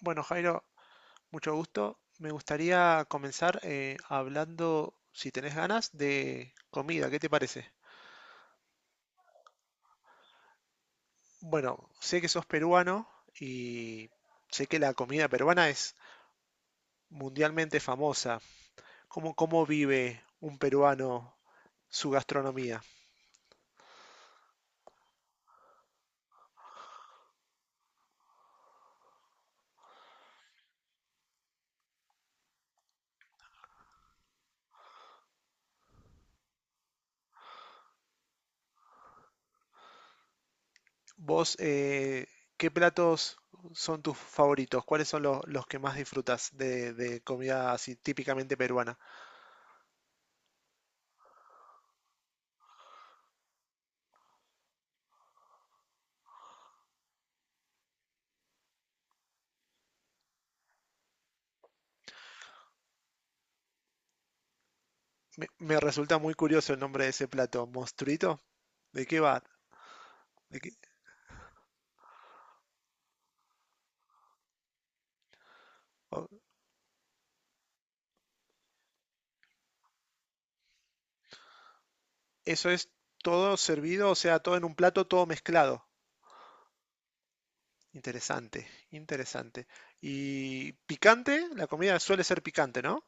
Bueno, Jairo, mucho gusto. Me gustaría comenzar hablando, si tenés ganas, de comida. ¿Qué te parece? Bueno, sé que sos peruano y sé que la comida peruana es mundialmente famosa. ¿Cómo vive un peruano su gastronomía? ¿Vos qué platos son tus favoritos? ¿Cuáles son los que más disfrutas de comida así típicamente peruana? Me resulta muy curioso el nombre de ese plato, monstruito. ¿De qué va? de que- o- Eso es todo servido, o sea, todo en un plato, todo mezclado. Interesante, interesante. Y picante, la comida suele ser picante, ¿no?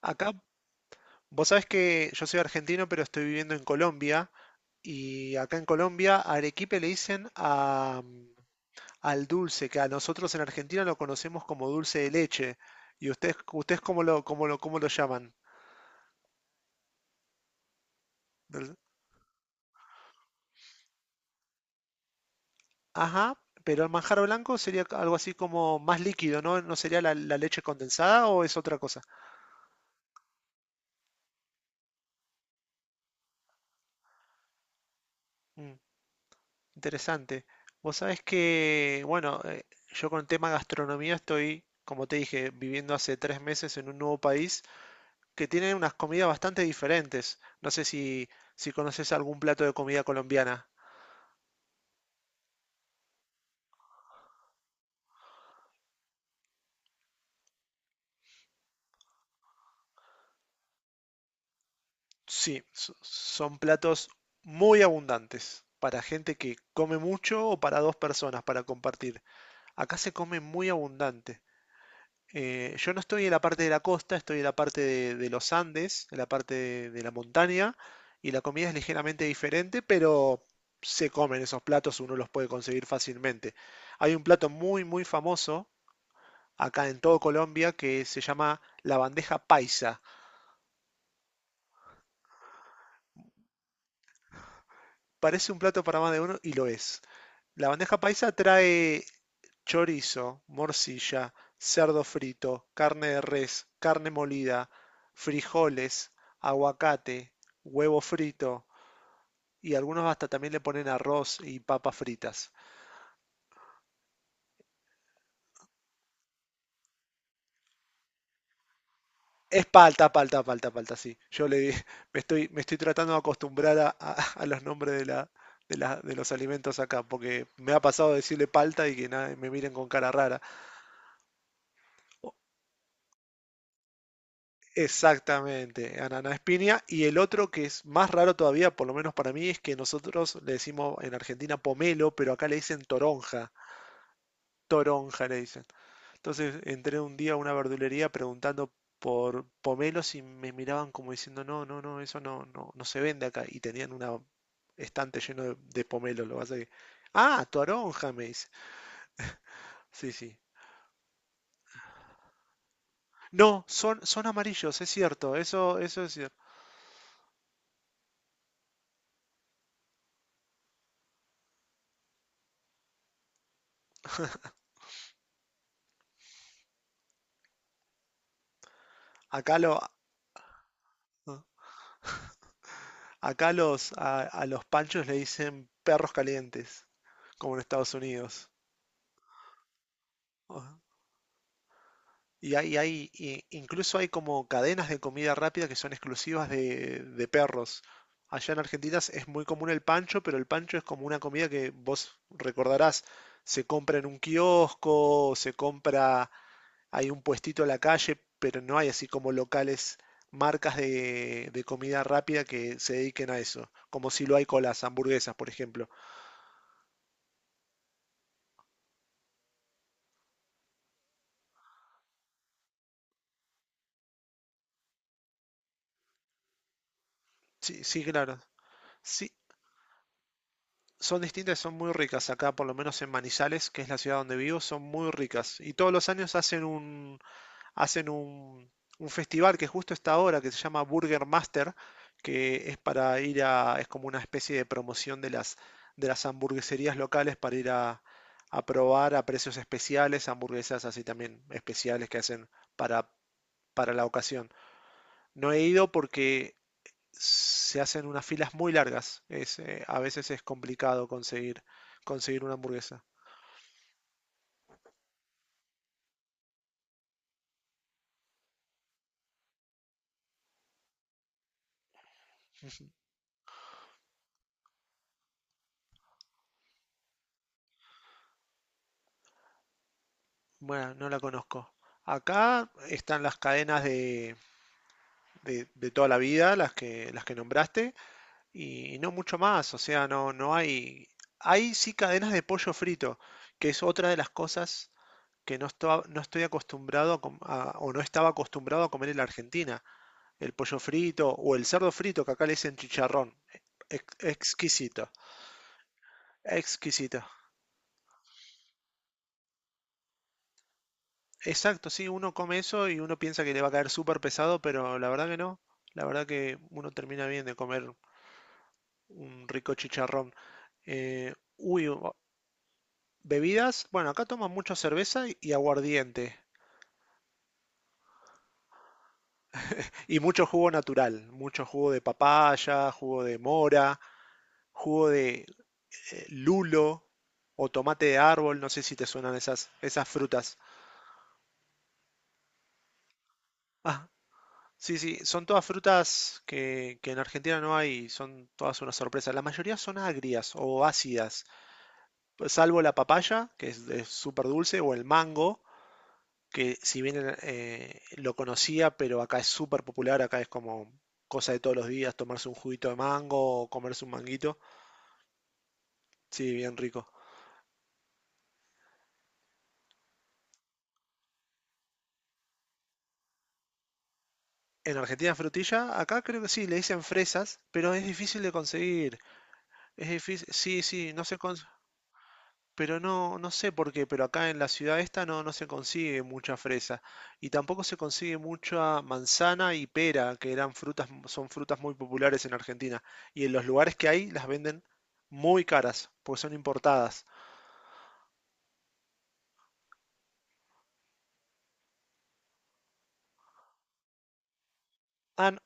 Acá, vos sabés que yo soy argentino, pero estoy viviendo en Colombia. Y acá en Colombia, arequipe le dicen a, al dulce, que a nosotros en Argentina lo conocemos como dulce de leche. ¿Y ustedes cómo lo llaman? Ajá, pero el manjar blanco sería algo así como más líquido, ¿no? ¿No sería la leche condensada o es otra cosa? Mm, interesante. Vos sabés que, bueno, yo con el tema gastronomía estoy, como te dije, viviendo hace tres meses en un nuevo país que tiene unas comidas bastante diferentes. No sé si, si conoces algún plato de comida colombiana. Sí, son platos muy abundantes para gente que come mucho o para dos personas para compartir. Acá se come muy abundante. Yo no estoy en la parte de la costa, estoy en la parte de los Andes, en la parte de la montaña, y la comida es ligeramente diferente, pero se comen esos platos, uno los puede conseguir fácilmente. Hay un plato muy famoso acá en todo Colombia que se llama la bandeja paisa. Parece un plato para más de uno y lo es. La bandeja paisa trae chorizo, morcilla, cerdo frito, carne de res, carne molida, frijoles, aguacate, huevo frito y algunos hasta también le ponen arroz y papas fritas. Es palta, sí. Yo le me estoy tratando de acostumbrar a, a los nombres de los alimentos acá, porque me ha pasado de decirle palta y que nada, me miren con cara rara. Exactamente, ananá es piña. Y el otro que es más raro todavía, por lo menos para mí, es que nosotros le decimos en Argentina pomelo, pero acá le dicen toronja. Toronja le dicen. Entonces entré un día a una verdulería preguntando por pomelos y me miraban como diciendo, no, no, no, eso no, no, no se vende acá. Y tenían una estante lleno de pomelos, lo que pasa que- Ah, toronja, me dice. Sí, sí. No, son amarillos, es cierto, eso es cierto. Acá lo... ah, Acá los, a los panchos le dicen perros calientes, como en Estados Unidos. Ajá. Y y incluso hay como cadenas de comida rápida que son exclusivas de perros. Allá en Argentina es muy común el pancho, pero el pancho es como una comida que vos recordarás, se compra en un kiosco, se compra, hay un puestito en la calle, pero no hay así como locales, marcas de comida rápida que se dediquen a eso, como si lo hay con las hamburguesas, por ejemplo. Sí, sí, claro. Sí, son distintas, y son muy ricas. Acá, por lo menos en Manizales, que es la ciudad donde vivo, son muy ricas. Y todos los años hacen un, un festival que justo está ahora, que se llama Burger Master, que es para ir a, es como una especie de promoción de las hamburgueserías locales para ir a probar a precios especiales, hamburguesas así también especiales que hacen para, para la ocasión. No he ido porque se hacen unas filas muy largas. Es, a veces es complicado conseguir, conseguir una hamburguesa. Bueno, no la conozco. Acá están las cadenas de toda la vida, las que nombraste, y no mucho más. O sea, no, no hay. Hay sí cadenas de pollo frito, que es otra de las cosas que no, no estoy acostumbrado a o no estaba acostumbrado a comer en la Argentina. El pollo frito o el cerdo frito, que acá le dicen chicharrón. Exquisito, exquisito. Exacto, sí, uno come eso y uno piensa que le va a caer súper pesado, pero la verdad que no. La verdad que uno termina bien de comer un rico chicharrón. Uy, o- bebidas. Bueno, acá toman mucho cerveza y aguardiente. Y mucho jugo natural. Mucho jugo de papaya, jugo de mora, jugo de lulo o tomate de árbol. No sé si te suenan esas frutas. Sí, sí, son todas frutas que en Argentina no hay, son todas una sorpresa. La mayoría son agrias o ácidas, salvo la papaya, que es de- súper dulce, o el mango, que si bien lo conocía, pero acá es súper popular, acá es como cosa de todos los días, tomarse un juguito de mango o comerse un manguito. Sí, bien rico. En Argentina frutilla, acá creo que sí, le dicen fresas, pero es difícil de conseguir. Es difícil, sí, sí, no se, cons- Pero no, no sé por qué, pero acá en la ciudad esta no, no se consigue mucha fresa. Y tampoco se consigue mucha manzana y pera, que eran frutas, son frutas muy populares en Argentina. Y en los lugares que hay las venden muy caras, porque son importadas. Ah, no,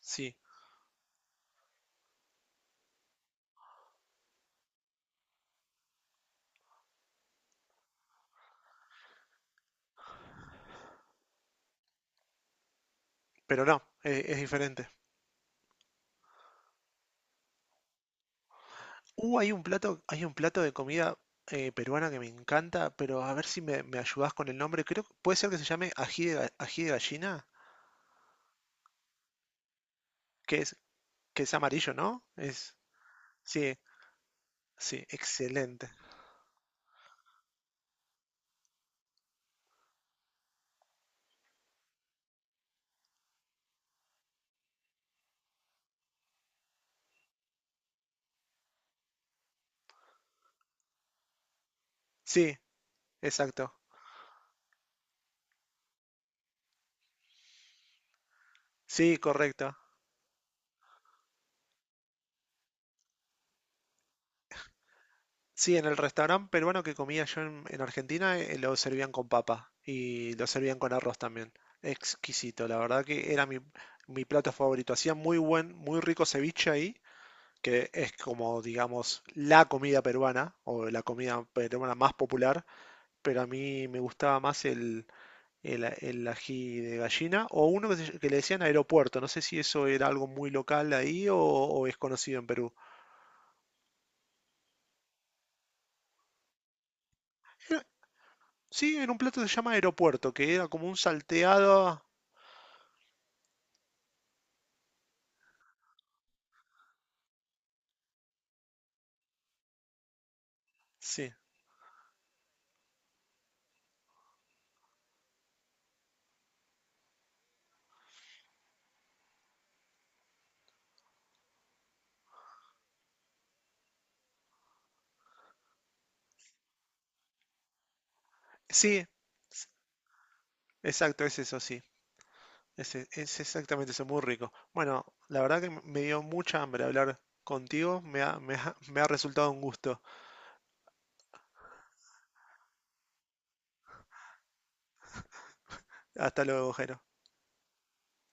sí, pero no, es diferente. Hay un plato de comida peruana que me encanta, pero a ver si me ayudás con el nombre. Creo que puede ser que se llame ají de, ají de gallina, que es, que es amarillo, ¿no? Es, sí, sí, excelente. Sí, exacto. Sí, correcto. Sí, en el restaurante peruano que comía yo en Argentina lo servían con papa y lo servían con arroz también. Exquisito, la verdad que era mi plato favorito. Hacían muy muy rico ceviche ahí, que es como, digamos, la comida peruana o la comida peruana más popular, pero a mí me gustaba más el ají de gallina, o uno que, que le decían aeropuerto, no sé si eso era algo muy local ahí o es conocido en Perú. Era- sí, en un plato que se llama aeropuerto, que era como un salteado. Sí, sí, s- exacto, es eso, sí. Es, es exactamente eso, muy rico. Bueno, la verdad que me dio mucha hambre hablar contigo, me ha resultado un gusto. Hasta luego, Jero.